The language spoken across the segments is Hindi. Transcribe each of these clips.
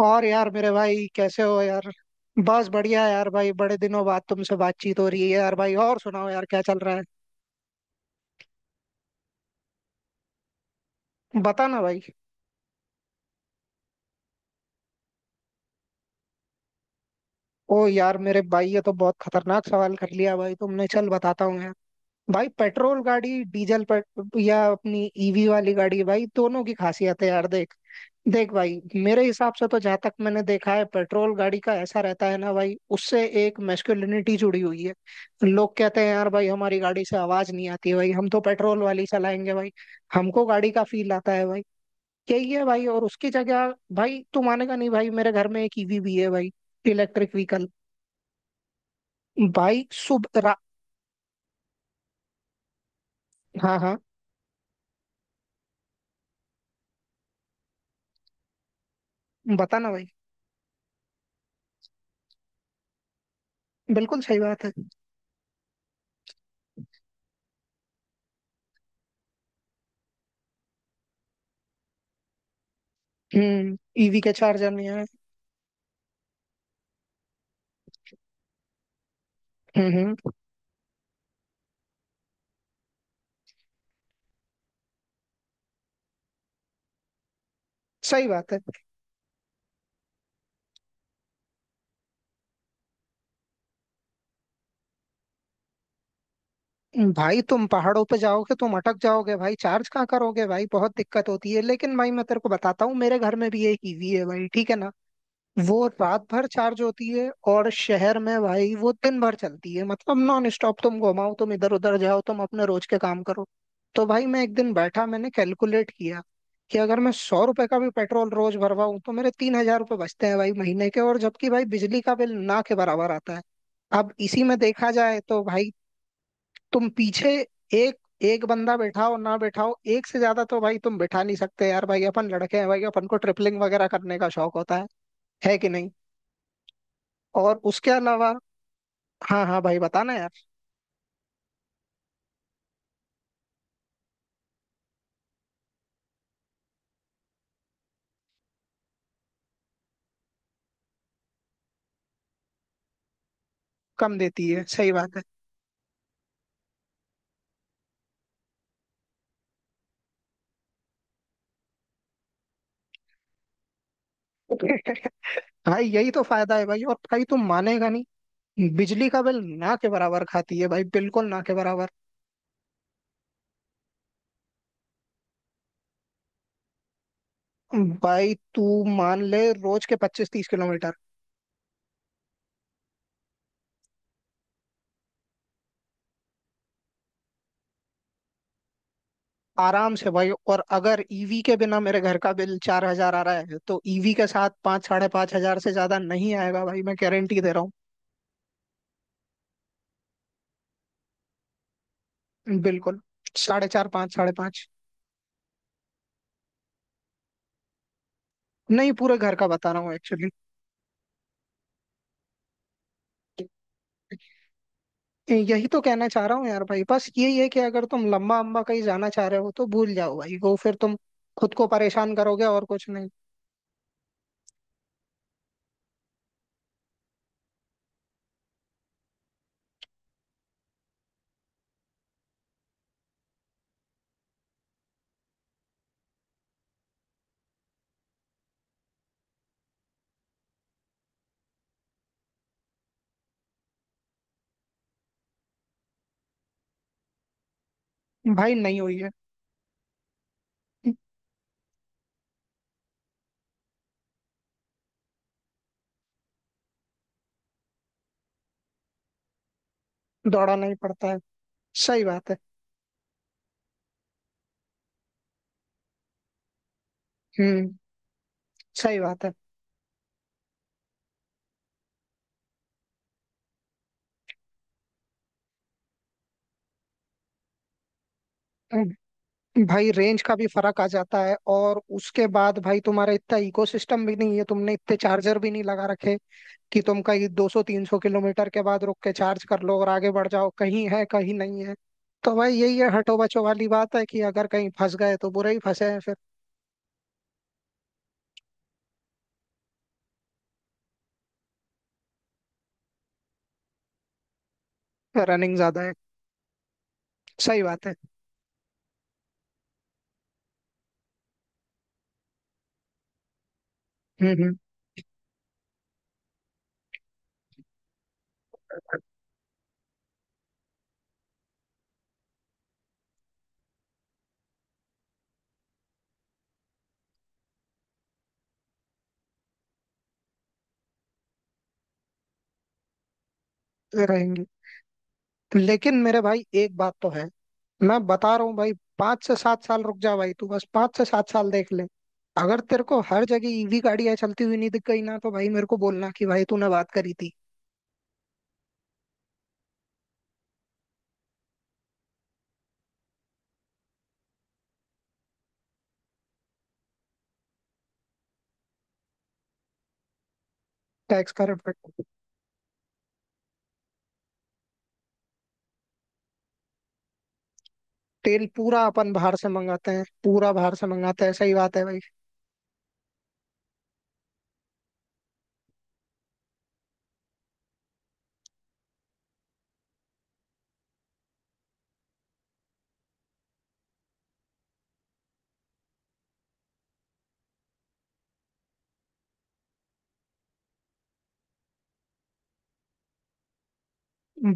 और यार मेरे भाई कैसे हो यार। बस बढ़िया यार भाई, बड़े दिनों बाद तुमसे बातचीत हो रही है यार। भाई और सुनाओ यार, क्या चल रहा है? बता ना भाई। ओ यार मेरे भाई, ये तो बहुत खतरनाक सवाल कर लिया भाई तुमने। चल बताता हूँ भाई। पेट्रोल गाड़ी, डीजल पेट या अपनी ईवी वाली गाड़ी, भाई दोनों की खासियत है यार। देख देख भाई, मेरे हिसाब से तो, जहां तक मैंने देखा है, पेट्रोल गाड़ी का ऐसा रहता है ना भाई, उससे एक मैस्कुलिनिटी जुड़ी हुई है। लोग कहते हैं यार भाई, हमारी गाड़ी से आवाज नहीं आती है भाई, हम तो पेट्रोल वाली चलाएंगे भाई। हमको गाड़ी का फील आता है भाई, यही है भाई। और उसकी जगह भाई, तू मानेगा नहीं भाई, मेरे घर में एक ईवी भी है भाई। Electric vehicle. भाई सुबह रा हाँ हाँ, बताना भाई। बिल्कुल सही बात है। हम्म ईवी के चार जने हैं। हम्म। सही बात है भाई। तुम पहाड़ों पे जाओगे तुम अटक जाओगे भाई, चार्ज कहाँ करोगे भाई, बहुत दिक्कत होती है। लेकिन भाई मैं तेरे को बताता हूँ, मेरे घर में भी एक ईवी है भाई, ठीक है ना। वो रात भर चार्ज होती है और शहर में भाई वो दिन भर चलती है, मतलब नॉन स्टॉप। तुम घुमाओ, तुम इधर उधर जाओ, तुम अपने रोज के काम करो। तो भाई मैं एक दिन बैठा, मैंने कैलकुलेट किया कि अगर मैं सौ रुपए का भी पेट्रोल रोज भरवाऊं, तो मेरे तीन हजार रुपये बचते हैं भाई महीने के। और जबकि भाई बिजली का बिल ना के बराबर आता है। अब इसी में देखा जाए तो भाई, तुम पीछे एक एक बंदा बैठाओ ना बैठाओ, एक से ज्यादा तो भाई तुम बैठा नहीं सकते यार। भाई अपन लड़के हैं भाई, अपन को ट्रिपलिंग वगैरह करने का शौक होता है कि नहीं? और उसके अलावा, हाँ हाँ भाई बताना यार। कम देती है, सही बात है। भाई यही तो फायदा है भाई। और भाई तुम मानेगा नहीं, बिजली का बिल ना के बराबर खाती है भाई, बिल्कुल ना के बराबर। भाई तू मान ले रोज के पच्चीस तीस किलोमीटर। आराम से भाई। और अगर ईवी के बिना मेरे घर का बिल चार हजार आ रहा है, तो ईवी के साथ पाँच साढ़े पाँच हजार से ज्यादा नहीं आएगा भाई, मैं गारंटी दे रहा हूँ। बिल्कुल, साढ़े चार पाँच साढ़े पाँच। नहीं, पूरे घर का बता रहा हूँ एक्चुअली। यही तो कहना चाह रहा हूँ यार भाई, बस यही है कि अगर तुम लंबा अम्बा कहीं जाना चाह रहे हो, तो भूल जाओ भाई। वो फिर तुम खुद को परेशान करोगे और कुछ नहीं। भाई नहीं हुई है। दौड़ा नहीं पड़ता है, सही बात है। हम्म, सही बात है। हम्म। भाई रेंज का भी फर्क आ जाता है, और उसके बाद भाई तुम्हारा इतना इकोसिस्टम भी नहीं है, तुमने इतने चार्जर भी नहीं लगा रखे कि तुम कहीं 200 300 किलोमीटर के बाद रुक के चार्ज कर लो और आगे बढ़ जाओ। कहीं है कहीं नहीं है। तो भाई यही है, हटो बचो वाली बात है कि अगर कहीं फंस गए तो बुरा ही फंसे हैं। रनिंग ज्यादा है, सही बात है। हम्म। रहेंगी। लेकिन मेरे भाई एक बात तो है, मैं बता रहा हूँ भाई, पांच से सात साल रुक जा भाई, तू बस पांच से सात साल देख ले। अगर तेरे को हर जगह ईवी गाड़ियां चलती हुई नहीं दिख गई ना, तो भाई मेरे को बोलना कि भाई तूने बात करी थी। टैक्स का रिफंड। तेल पूरा अपन बाहर से मंगाते हैं, पूरा बाहर से मंगाते हैं, सही बात है भाई।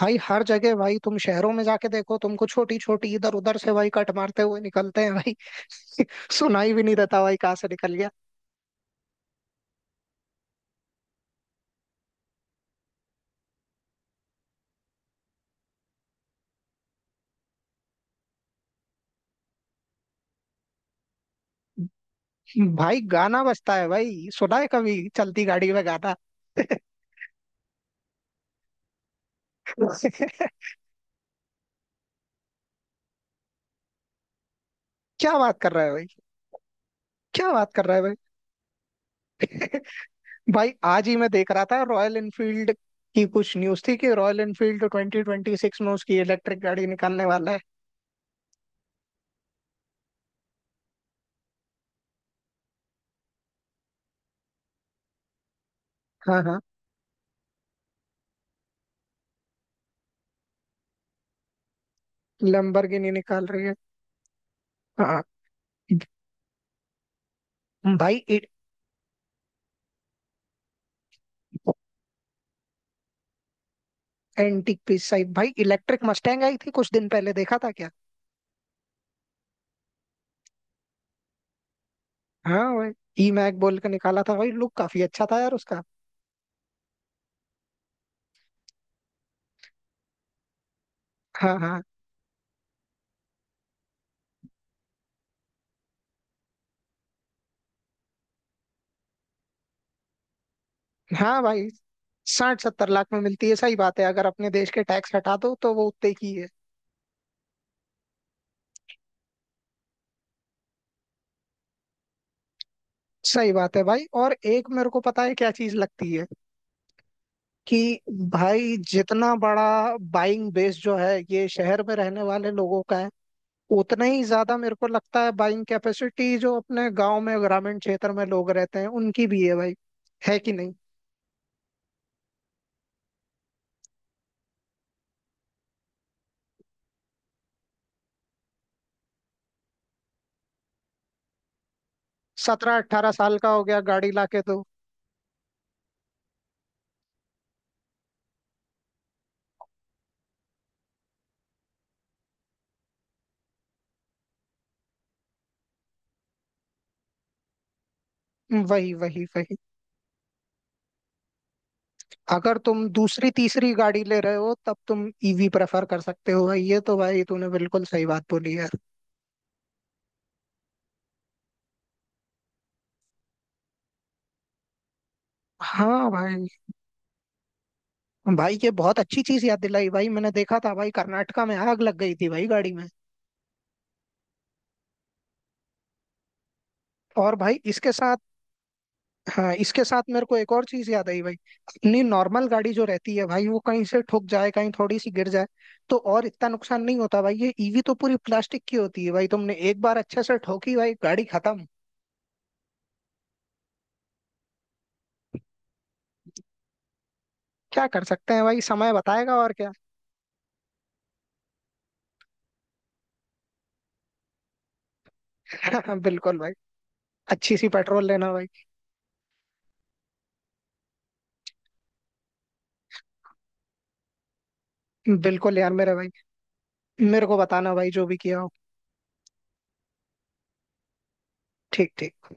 भाई हर जगह, भाई तुम शहरों में जाके देखो, तुमको छोटी छोटी इधर उधर से भाई कट मारते हुए निकलते हैं भाई। सुनाई भी नहीं देता भाई कहाँ से निकल गया। भाई गाना बजता है भाई, सुना है कभी चलती गाड़ी में गाना? क्या बात कर रहा है भाई। क्या बात कर रहा है भाई। भाई आज ही मैं देख रहा था, रॉयल एनफील्ड की कुछ न्यूज थी कि Royal Enfield twenty twenty six में उसकी इलेक्ट्रिक गाड़ी निकालने वाला है। हाँ हाँ, लैम्बोर्गिनी निकाल रही है। हाँ भाई। एंटीक पीस साइड, भाई इलेक्ट्रिक मस्टैंग आई थी कुछ दिन पहले, देखा था क्या? हाँ भाई, ई मैक बोल के निकाला था भाई, लुक काफी अच्छा था यार उसका। हाँ हाँ। हाँ भाई, साठ सत्तर लाख में मिलती है, सही बात है। अगर अपने देश के टैक्स हटा दो तो वो उतने की है। सही बात है भाई। और एक मेरे को पता है क्या चीज लगती है, कि भाई जितना बड़ा बाइंग बेस जो है ये शहर में रहने वाले लोगों का है, उतना ही ज्यादा मेरे को लगता है बाइंग कैपेसिटी जो अपने गांव में, ग्रामीण क्षेत्र में लोग रहते हैं, उनकी भी है भाई, है कि नहीं? सत्रह अट्ठारह साल का हो गया, गाड़ी ला के दो। वही वही वही। अगर तुम दूसरी तीसरी गाड़ी ले रहे हो, तब तुम ईवी प्रेफर कर सकते हो भाई। ये तो भाई तूने बिल्कुल सही बात बोली है। हाँ भाई। भाई ये बहुत अच्छी चीज याद दिलाई भाई, मैंने देखा था भाई कर्नाटका में आग लग गई थी भाई गाड़ी में। और भाई इसके साथ, हाँ इसके साथ मेरे को एक और चीज याद आई भाई, अपनी नॉर्मल गाड़ी जो रहती है भाई, वो कहीं से ठुक जाए, कहीं थोड़ी सी गिर जाए, तो और इतना नुकसान नहीं होता भाई। ये ईवी तो पूरी प्लास्टिक की होती है भाई, तुमने एक बार अच्छे से ठोकी भाई गाड़ी खत्म। क्या कर सकते हैं भाई, समय बताएगा। और क्या! बिल्कुल भाई, अच्छी सी पेट्रोल लेना भाई। बिल्कुल यार मेरे भाई, मेरे को बताना भाई जो भी किया हो। ठीक ठीक।